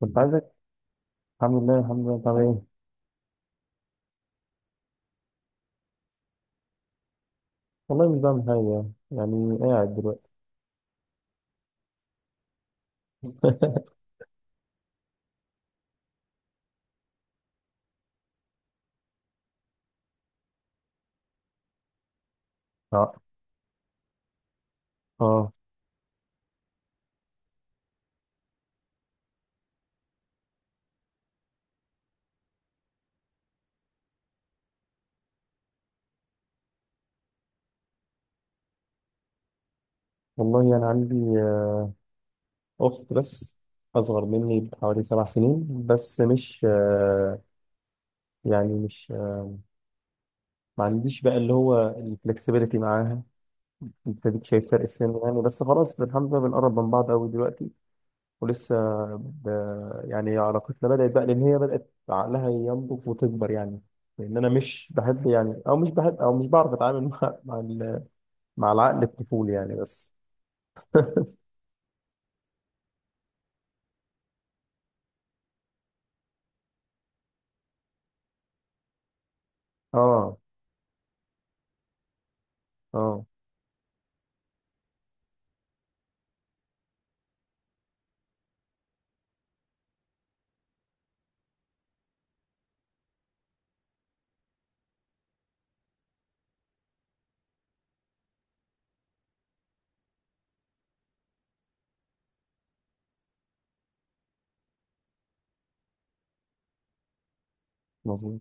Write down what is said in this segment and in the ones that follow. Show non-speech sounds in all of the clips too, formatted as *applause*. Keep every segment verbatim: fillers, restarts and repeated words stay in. كنت عايزك. الحمد لله، الحمد لله، تمام. ايه؟ والله، مش بعمل حاجة. يعني يعني قاعد دلوقتي. *laughs* اه اه. والله، أنا عندي آه، أخت بس، أصغر مني بحوالي سبع سنين، بس مش آه، يعني مش آه، ما عنديش بقى اللي هو الفلكسبيليتي معاها. أنت أديك شايف فرق السن يعني، بس خلاص الحمد لله، بنقرب من بعض أوي دلوقتي ولسه ب... يعني علاقتنا بدأت بقى لأن هي بدأت عقلها ينضج وتكبر يعني، لأن أنا مش بحب يعني، أو مش بحب أو مش بعرف أتعامل *laughs* مع مع, ال... مع العقل الطفولي يعني، بس. آه آه، مظبوط.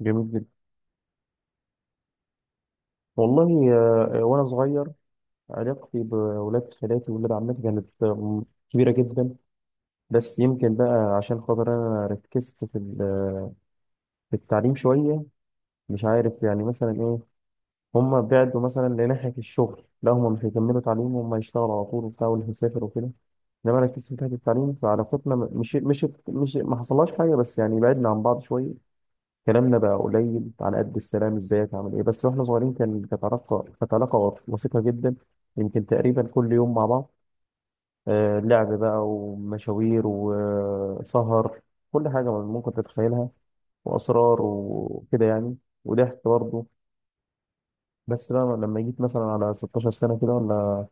جميل جدا. والله آه، وأنا صغير علاقتي بولاد خالاتي وولاد عمتي كانت آه، كبيرة جدا. بس يمكن بقى عشان خاطر أنا ركزت في ال- في التعليم شوية، مش عارف يعني مثلا إيه. هم بعدوا مثلا لناحية الشغل، لا هم مش هيكملوا تعليم، هم يشتغلوا على طول وبتاع، واللي هيسافر وكده. انما انا ركزت في ناحية التعليم، فعلاقتنا م- مش مش مش ما حصلهاش حاجة، بس يعني بعدنا عن بعض شوية. كلامنا بقى قليل، على قد السلام ازيك عامل ايه، بس واحنا صغيرين كان كانت علاقة كانت علاقة وثيقة جدا. يمكن تقريبا كل يوم مع بعض، آه لعب بقى ومشاوير وسهر، كل حاجة ممكن تتخيلها، وأسرار وكده يعني، وضحك برضه. بس بقى لما جيت مثلا على ستاشر سنة كده، ولا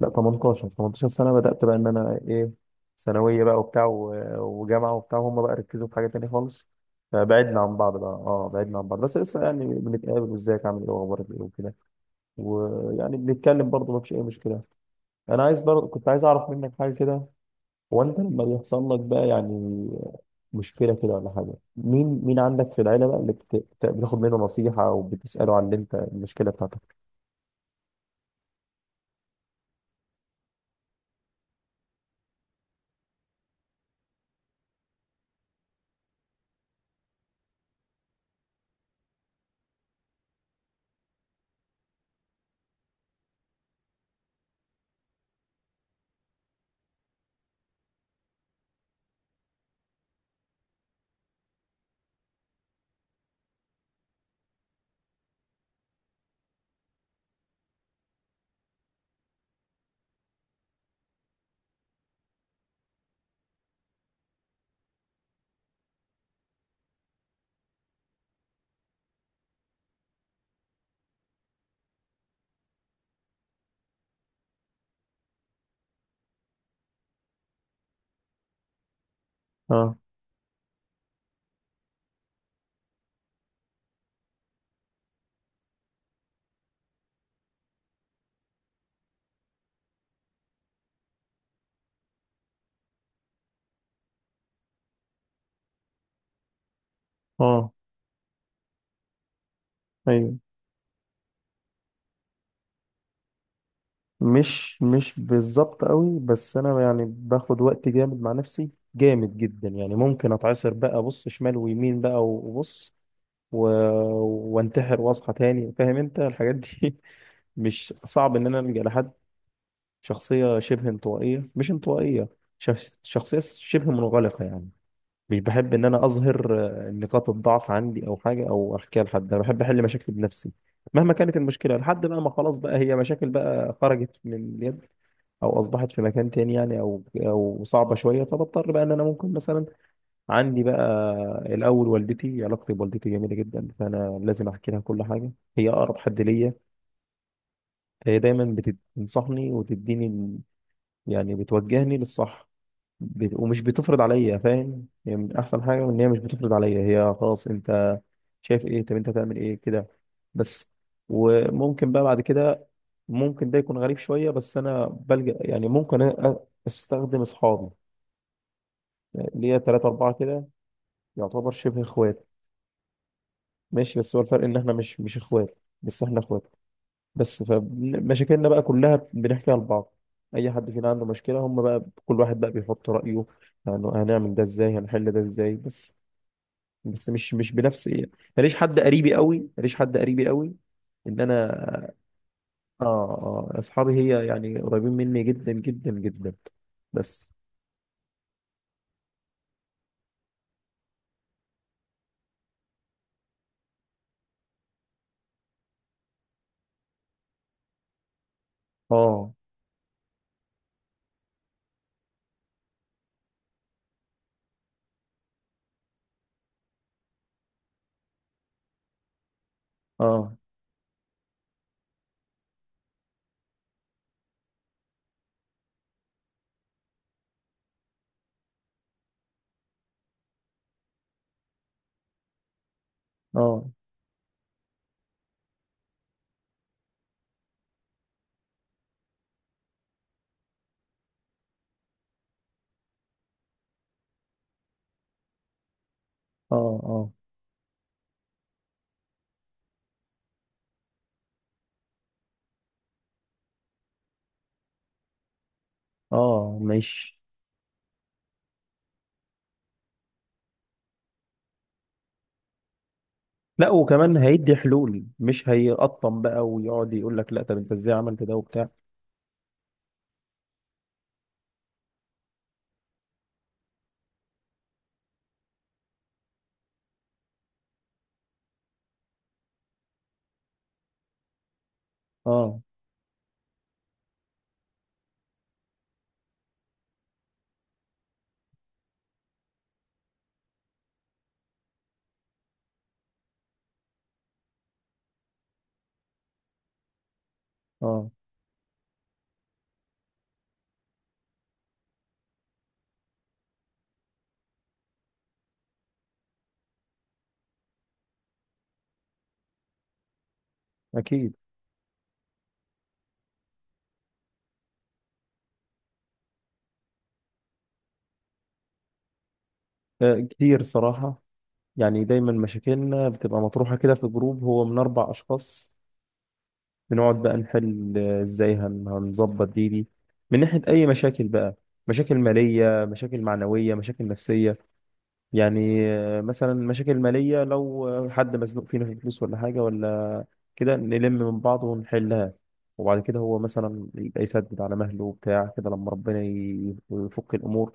لا تمنتاشر تمنتاشر سنة، بدأت بقى إن أنا إيه، ثانوية بقى وبتاع و- وجامعة وبتاع، هم بقى ركزوا في حاجة تانية خالص. فبعدنا عن بعض بقى، اه بعدنا عن بعض، بس لسه يعني بنتقابل وازيك عامل ايه واخبارك ايه وكده، ويعني بنتكلم برضه، مفيش اي مشكلة. انا عايز برضه، كنت عايز اعرف منك حاجة كده. هو انت لما بيحصل لك بقى يعني مشكلة كده ولا حاجة، مين مين عندك في العيلة بقى اللي بت- بت- بتاخد منه نصيحة، او بتسأله عن اللي انت المشكلة بتاعتك. اه اه، ايوه. مش مش بالظبط قوي، بس انا يعني باخد وقت جامد مع نفسي، جامد جدا يعني. ممكن اتعصر بقى، بص شمال ويمين بقى، وبص و... وانتحر واصحى تاني، فاهم انت الحاجات دي؟ *laughs* مش صعب ان انا الجا لحد. شخصيه شبه انطوائيه، مش انطوائيه، شخص... شخصيه شبه منغلقه يعني. مش بحب ان انا اظهر آه، نقاط الضعف عندي او حاجه، او احكيها لحد. انا بحب احل مشاكلي بنفسي مهما كانت المشكله، لحد بقى ما خلاص بقى هي مشاكل بقى خرجت من اليد، او اصبحت في مكان تاني يعني، او او صعبه شويه، فبضطر بقى ان انا ممكن مثلا. عندي بقى الاول والدتي، علاقتي بوالدتي جميله جدا، فانا لازم احكي لها كل حاجه. هي اقرب حد ليا، هي دايما بتنصحني وتديني ال- يعني بتوجهني للصح، ب- ومش بتفرض عليا، فاهم؟ هي من احسن حاجه ان هي مش بتفرض عليا. هي خلاص، انت شايف ايه، طب انت هتعمل ايه كده، بس. وممكن بقى بعد كده، ممكن ده يكون غريب شويه، بس انا بلجأ يعني، ممكن أ- استخدم اصحابي، اللي هي ثلاثة أربعة كده، يعتبر شبه إخوات. ماشي، بس هو الفرق إن إحنا مش مش إخوات، بس إحنا إخوات. بس فمشاكلنا بقى كلها بنحكيها لبعض. أي حد فينا عنده مشكلة، هم بقى كل واحد بقى بيحط رأيه، يعني هنعمل ده إزاي، هنحل ده إزاي، بس بس مش مش بنفس ايه. ماليش حد قريبي قوي ماليش حد قريبي قوي، ان انا. اه اه، اصحابي هي يعني قريبين مني جدا جدا جدا، بس. اه اه اه اه اه اه، مش، لا، وكمان هيدي حلول، مش هيقطم بقى ويقعد يقول لك لا، طب انت ازاي عملت ده وبتاع. اه اه، اكيد. آه، كتير صراحة. يعني دايما مشاكلنا بتبقى مطروحة كده في جروب هو من اربع اشخاص، بنقعد بقى نحل، آه، ازاي هن- هنظبط دي دي من ناحية أي مشاكل بقى، مشاكل مالية، مشاكل معنوية، مشاكل نفسية. يعني آه، مثلا مشاكل مالية، لو آه، حد مزنوق فينا في فلوس ولا حاجة ولا كده، نلم من بعض ونحلها، وبعد كده هو مثلا يبقى يسدد على مهله وبتاع كده، لما ربنا ي- يفك الأمور.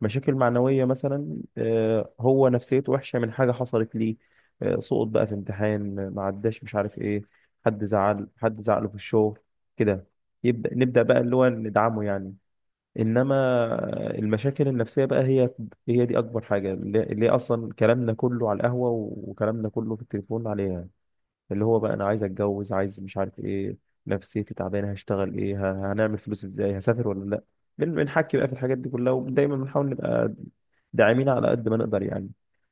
مشاكل معنوية مثلا، آه، هو نفسيته وحشة من حاجة حصلت ليه، آه، سقط بقى في امتحان، آه، ما عداش، مش عارف ايه، حد زعل، حد زعله في الشغل كده، يبدأ نبدأ بقى اللي هو ندعمه يعني. انما آه، المشاكل النفسية بقى، هي هي دي اكبر حاجة، اللي اللي هي اصلا كلامنا كله على القهوة، وكلامنا كله في التليفون عليها، اللي هو بقى انا عايز اتجوز، عايز مش عارف ايه، نفسيتي تعبانة، هشتغل ايه، ه- هنعمل فلوس ازاي، هسافر ولا لا. بن- بنحكي بقى في الحاجات دي كلها، ودايما بنحاول نبقى داعمين على قد ما نقدر يعني.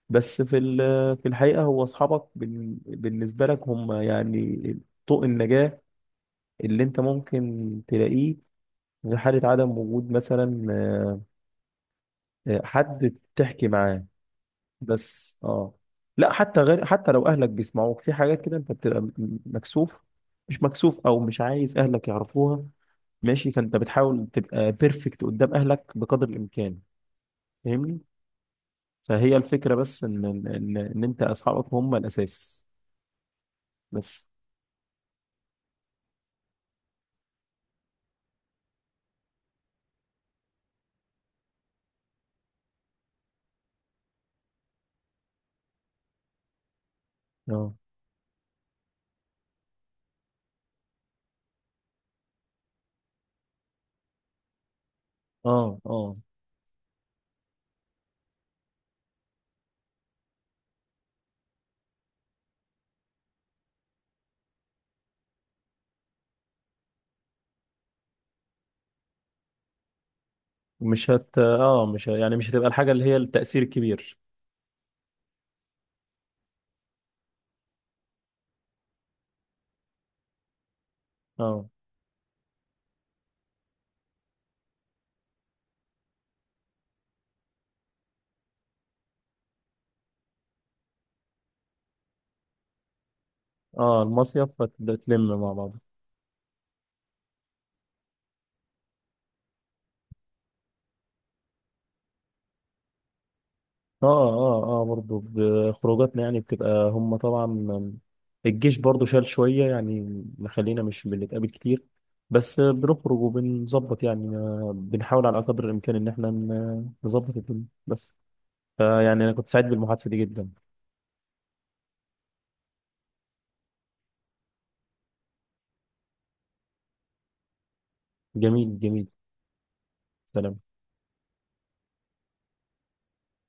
بس في ال- في الحقيقة هو أصحابك بال- بالنسبة لك هم يعني طوق النجاة اللي أنت ممكن تلاقيه في حالة عدم وجود مثلا آه، آه، حد تحكي معاه، بس. اه، لا، حتى غير حتى لو أهلك بيسمعوك في حاجات كده، أنت بتبقى م- مكسوف، مش مكسوف أو مش عايز أهلك يعرفوها، ماشي. فأنت بتحاول تبقى بيرفكت قدام أهلك بقدر الإمكان، فاهمني؟ فهي الفكرة، بس إن إن إن أنت أصحابك هم الأساس، بس. أه أه أه، مش هت أه مش ه... يعني مش هتبقى الحاجة اللي هي التأثير الكبير. أه أه، المصيف، فتلم مع بعض. أه أه أه، برضه بخروجاتنا يعني، بتبقى هم طبعا. الجيش برضه شال شوية يعني، مخلينا مش بنتقابل كتير، بس بنخرج وبنظبط يعني، بنحاول على قدر الإمكان إن إحنا ن- نظبط الدنيا بس. فيعني أنا كنت سعيد بالمحادثة دي جدا. جميل جميل. سلام.